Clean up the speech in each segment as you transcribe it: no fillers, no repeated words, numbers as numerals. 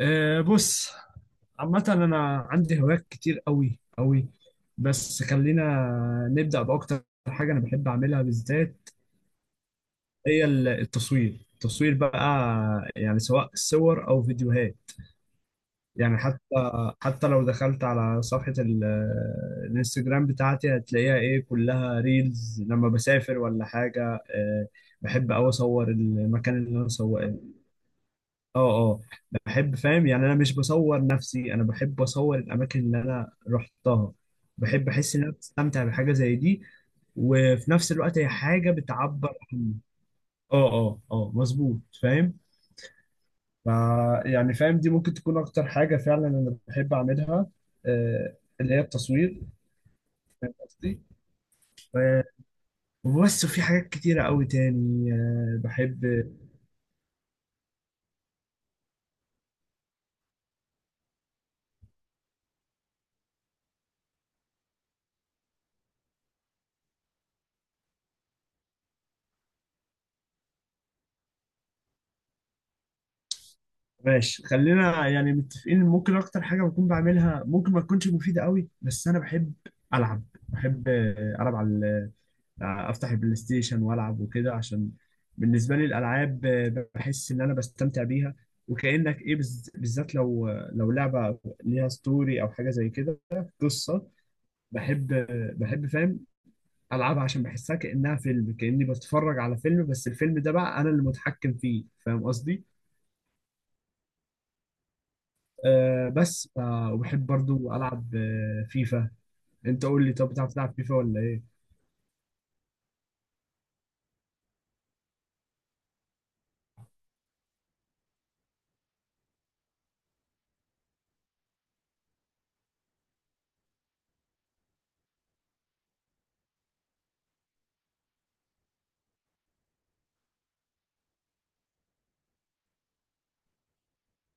بص، عامة أنا عندي هوايات كتير أوي أوي. بس خلينا نبدأ بأكتر حاجة أنا بحب أعملها بالذات، هي التصوير. التصوير بقى يعني سواء صور أو فيديوهات. يعني حتى لو دخلت على صفحة الانستجرام بتاعتي هتلاقيها إيه، كلها ريلز لما بسافر ولا حاجة. بحب أوي أصور المكان اللي أنا اه اه بحب، فاهم؟ يعني انا مش بصور نفسي، انا بحب اصور الاماكن اللي انا رحتها. بحب احس ان انا بستمتع بحاجه زي دي، وفي نفس الوقت هي حاجه بتعبر عن، اه اه اه، مظبوط، فاهم. ف يعني، فاهم، دي ممكن تكون اكتر حاجه فعلا انا بحب اعملها، اللي هي التصوير. قصدي، آه، وبس، وفي حاجات كتيره قوي تاني بحب. ماشي، خلينا يعني متفقين إن ممكن اكتر حاجه بكون بعملها ممكن ما تكونش مفيده قوي، بس انا بحب العب. بحب العب على افتح البلاي ستيشن والعب وكده، عشان بالنسبه لي الالعاب بحس ان انا بستمتع بيها. وكانك ايه، بالذات لو لعبه ليها ستوري او حاجه زي كده، قصه. بحب، فاهم، العبها عشان بحسها كانها فيلم، كاني بتفرج على فيلم بس الفيلم ده بقى انا اللي متحكم فيه، فاهم قصدي. بس، وبحب برضو ألعب فيفا. أنت قول لي طب، بتعرف تلعب فيفا ولا إيه؟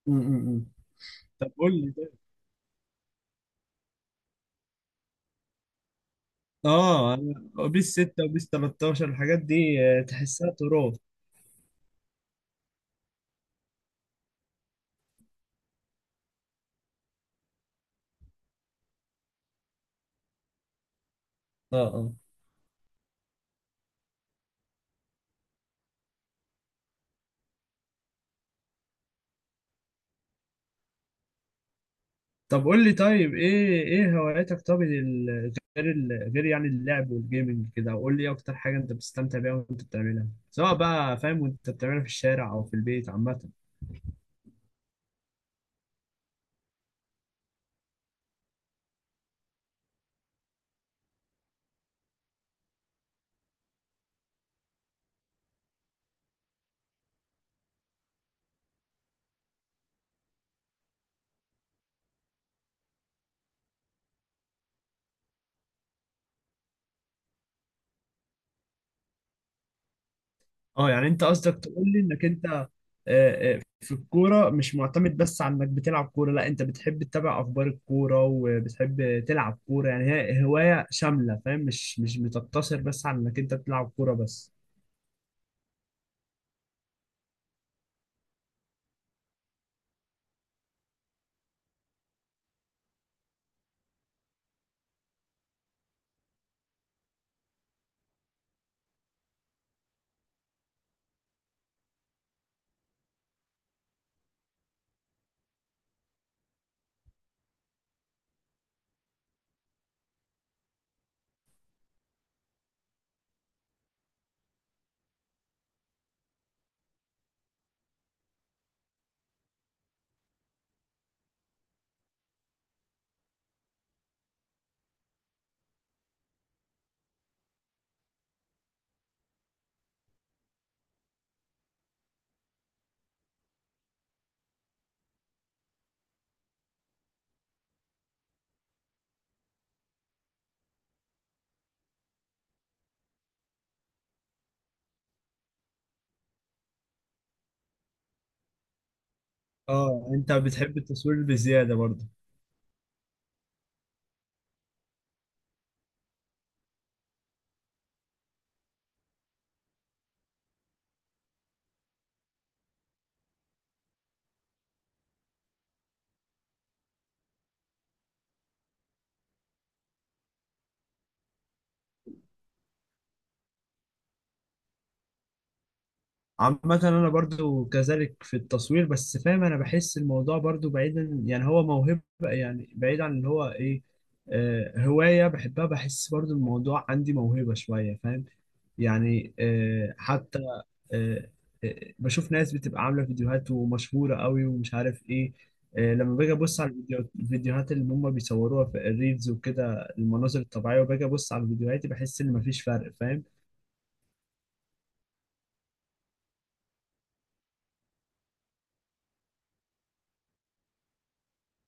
امم طب قول لي طيب. أنا بيس 6 وبيس 13 الحاجات دي تحسها تراب. اه اه. طب قول لي طيب، إيه هواياتك طب، غير يعني اللعب والجيمنج كده؟ وقول لي إيه أكتر حاجة أنت بتستمتع بيها وأنت بتعملها، سواء بقى فاهم وأنت بتعملها في الشارع أو في البيت عامة. اه، يعني انت قصدك تقول لي انك انت، في الكوره مش معتمد بس على انك بتلعب كوره، لا انت بتحب تتابع اخبار الكوره وبتحب تلعب كوره، يعني هي هوايه شامله، فاهم، مش بتقتصر بس على انك انت بتلعب كوره بس. اه انت بتحب التصوير بزياده برضه. عامة أنا برضو كذلك في التصوير، بس فاهم أنا بحس الموضوع برضو بعيدا، يعني هو موهبة، يعني بعيد عن اللي هو إيه، هواية بحبها. بحس برضو الموضوع عندي موهبة شوية، فاهم، يعني آه حتى آه آه، بشوف ناس بتبقى عاملة فيديوهات ومشهورة قوي ومش عارف إيه. لما باجي أبص على الفيديوهات اللي هم بيصوروها في الريلز وكده، المناظر الطبيعية، وباجي أبص على فيديوهاتي بحس إن مفيش فرق، فاهم.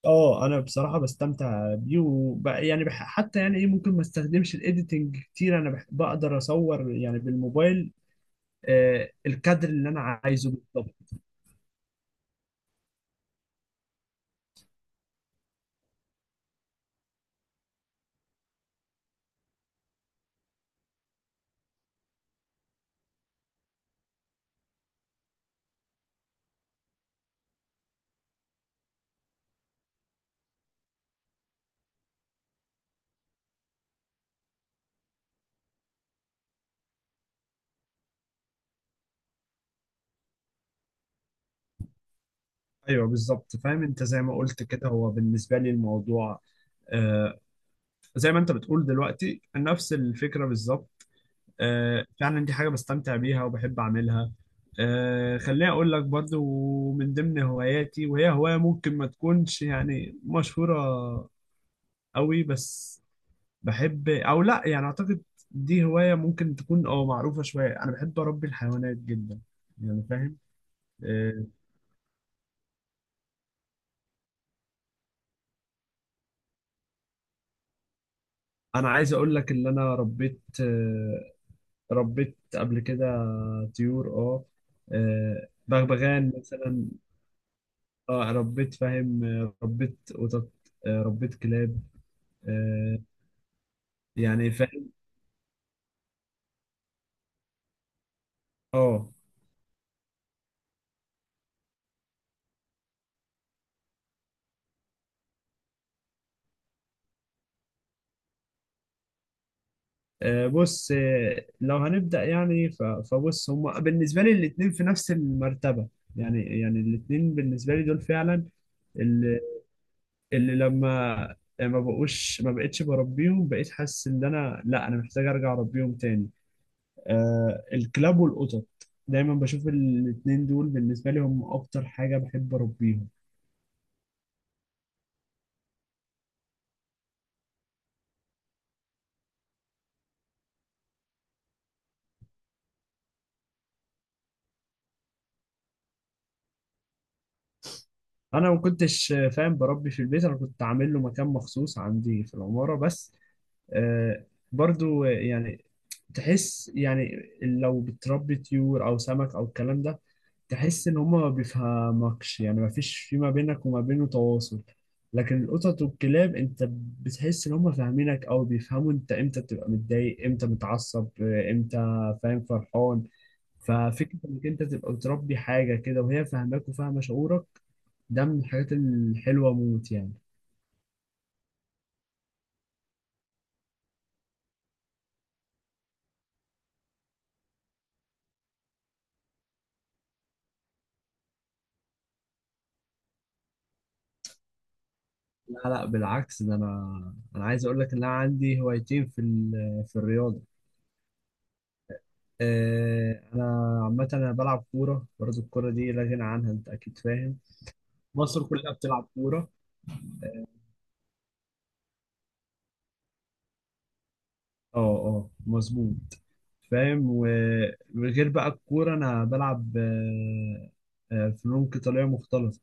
اه، انا بصراحه بستمتع بيه حتى يعني ايه، ممكن ما استخدمش الايديتنج كتير، انا بقدر اصور يعني بالموبايل الكادر اللي انا عايزه بالظبط. ايوه بالظبط، فاهم، انت زي ما قلت كده، هو بالنسبه لي الموضوع آه زي ما انت بتقول دلوقتي، نفس الفكره بالظبط. فعلا دي حاجه بستمتع بيها وبحب اعملها. خليني اقول لك برضو من ضمن هواياتي، وهي هوايه ممكن ما تكونش يعني مشهوره قوي، بس بحب او لا، يعني اعتقد دي هواية ممكن تكون معروفة شوية. انا بحب اربي الحيوانات جدا، يعني فاهم. آه، انا عايز اقول لك ان انا ربيت، ربيت قبل كده طيور، بغبغان مثلا. اه، ربيت، فاهم، ربيت قطط، ربيت كلاب، آه، يعني فاهم. اه، بص، لو هنبدأ يعني فبص، هما بالنسبة لي الاتنين في نفس المرتبة، يعني الاتنين بالنسبة لي دول فعلا، اللي, اللي لما ما بقتش بربيهم، بقيت حاسس ان انا، لا، انا محتاج ارجع اربيهم تاني. الكلاب والقطط دايما بشوف الاتنين دول بالنسبه لي هم اكتر حاجه بحب اربيهم. انا ما كنتش، فاهم، بربي في البيت، انا كنت عامل له مكان مخصوص عندي في العماره بس. آه برضو، يعني تحس، يعني لو بتربي طيور او سمك او الكلام ده تحس ان هما ما بيفهمكش، يعني ما فيش في ما بينك وما بينه تواصل. لكن القطط والكلاب انت بتحس ان هما فاهمينك، او بيفهموا انت امتى بتبقى متضايق، امتى متعصب، امتى، فاهم، فرحان. ففكرة انك انت تبقى بتربي حاجة كده وهي فاهماك وفاهمة شعورك، ده من الحاجات الحلوة موت يعني. لا، لا، بالعكس، ده انا عايز اقول لك ان انا عندي هوايتين في في الرياضة. انا عامه انا بلعب كوره برضه، الكوره دي لا غنى عنها، انت اكيد فاهم. مصر كلها بتلعب كوره. اه اه، مظبوط، فاهم. وغير بقى الكوره انا بلعب فنون قتاليه مختلطه.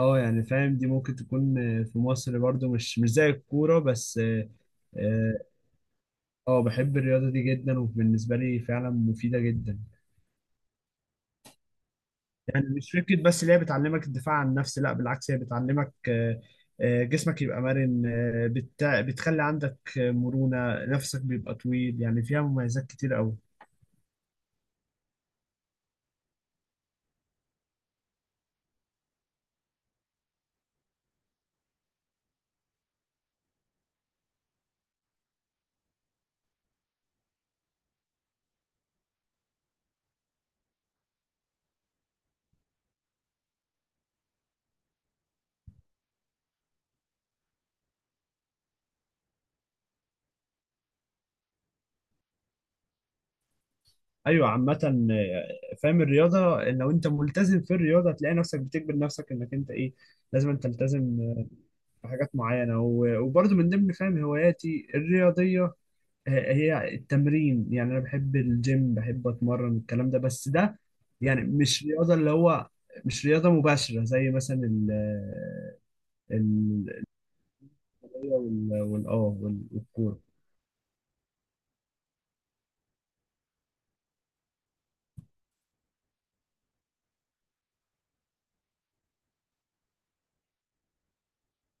اه يعني فاهم، دي ممكن تكون، في مصر برضه مش زي الكوره بس. اه آه، بحب الرياضه دي جدا، وبالنسبه لي فعلا مفيده جدا. يعني مش فكرة بس اللي هي بتعلمك الدفاع عن النفس، لا بالعكس، هي بتعلمك جسمك يبقى مرن، بتخلي عندك مرونة، نفسك بيبقى طويل، يعني فيها مميزات كتير قوي. ايوه عامة، فاهم، الرياضة لو انت ملتزم في الرياضة هتلاقي نفسك بتجبر نفسك انك انت ايه، لازم أن تلتزم بحاجات معينة وبرضه من ضمن فاهم هواياتي الرياضية هي التمرين. يعني انا بحب الجيم بحب اتمرن، الكلام ده بس ده يعني مش رياضه اللي هو، مش رياضه مباشره زي مثلا ال ال وال وال- اه وال- والكوره.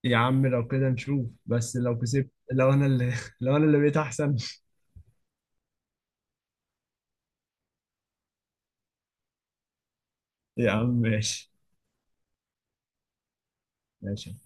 يا عم لو كده نشوف. بس لو انا اللي لو انا اللي بقيت احسن. يا عم ماشي. ماشي.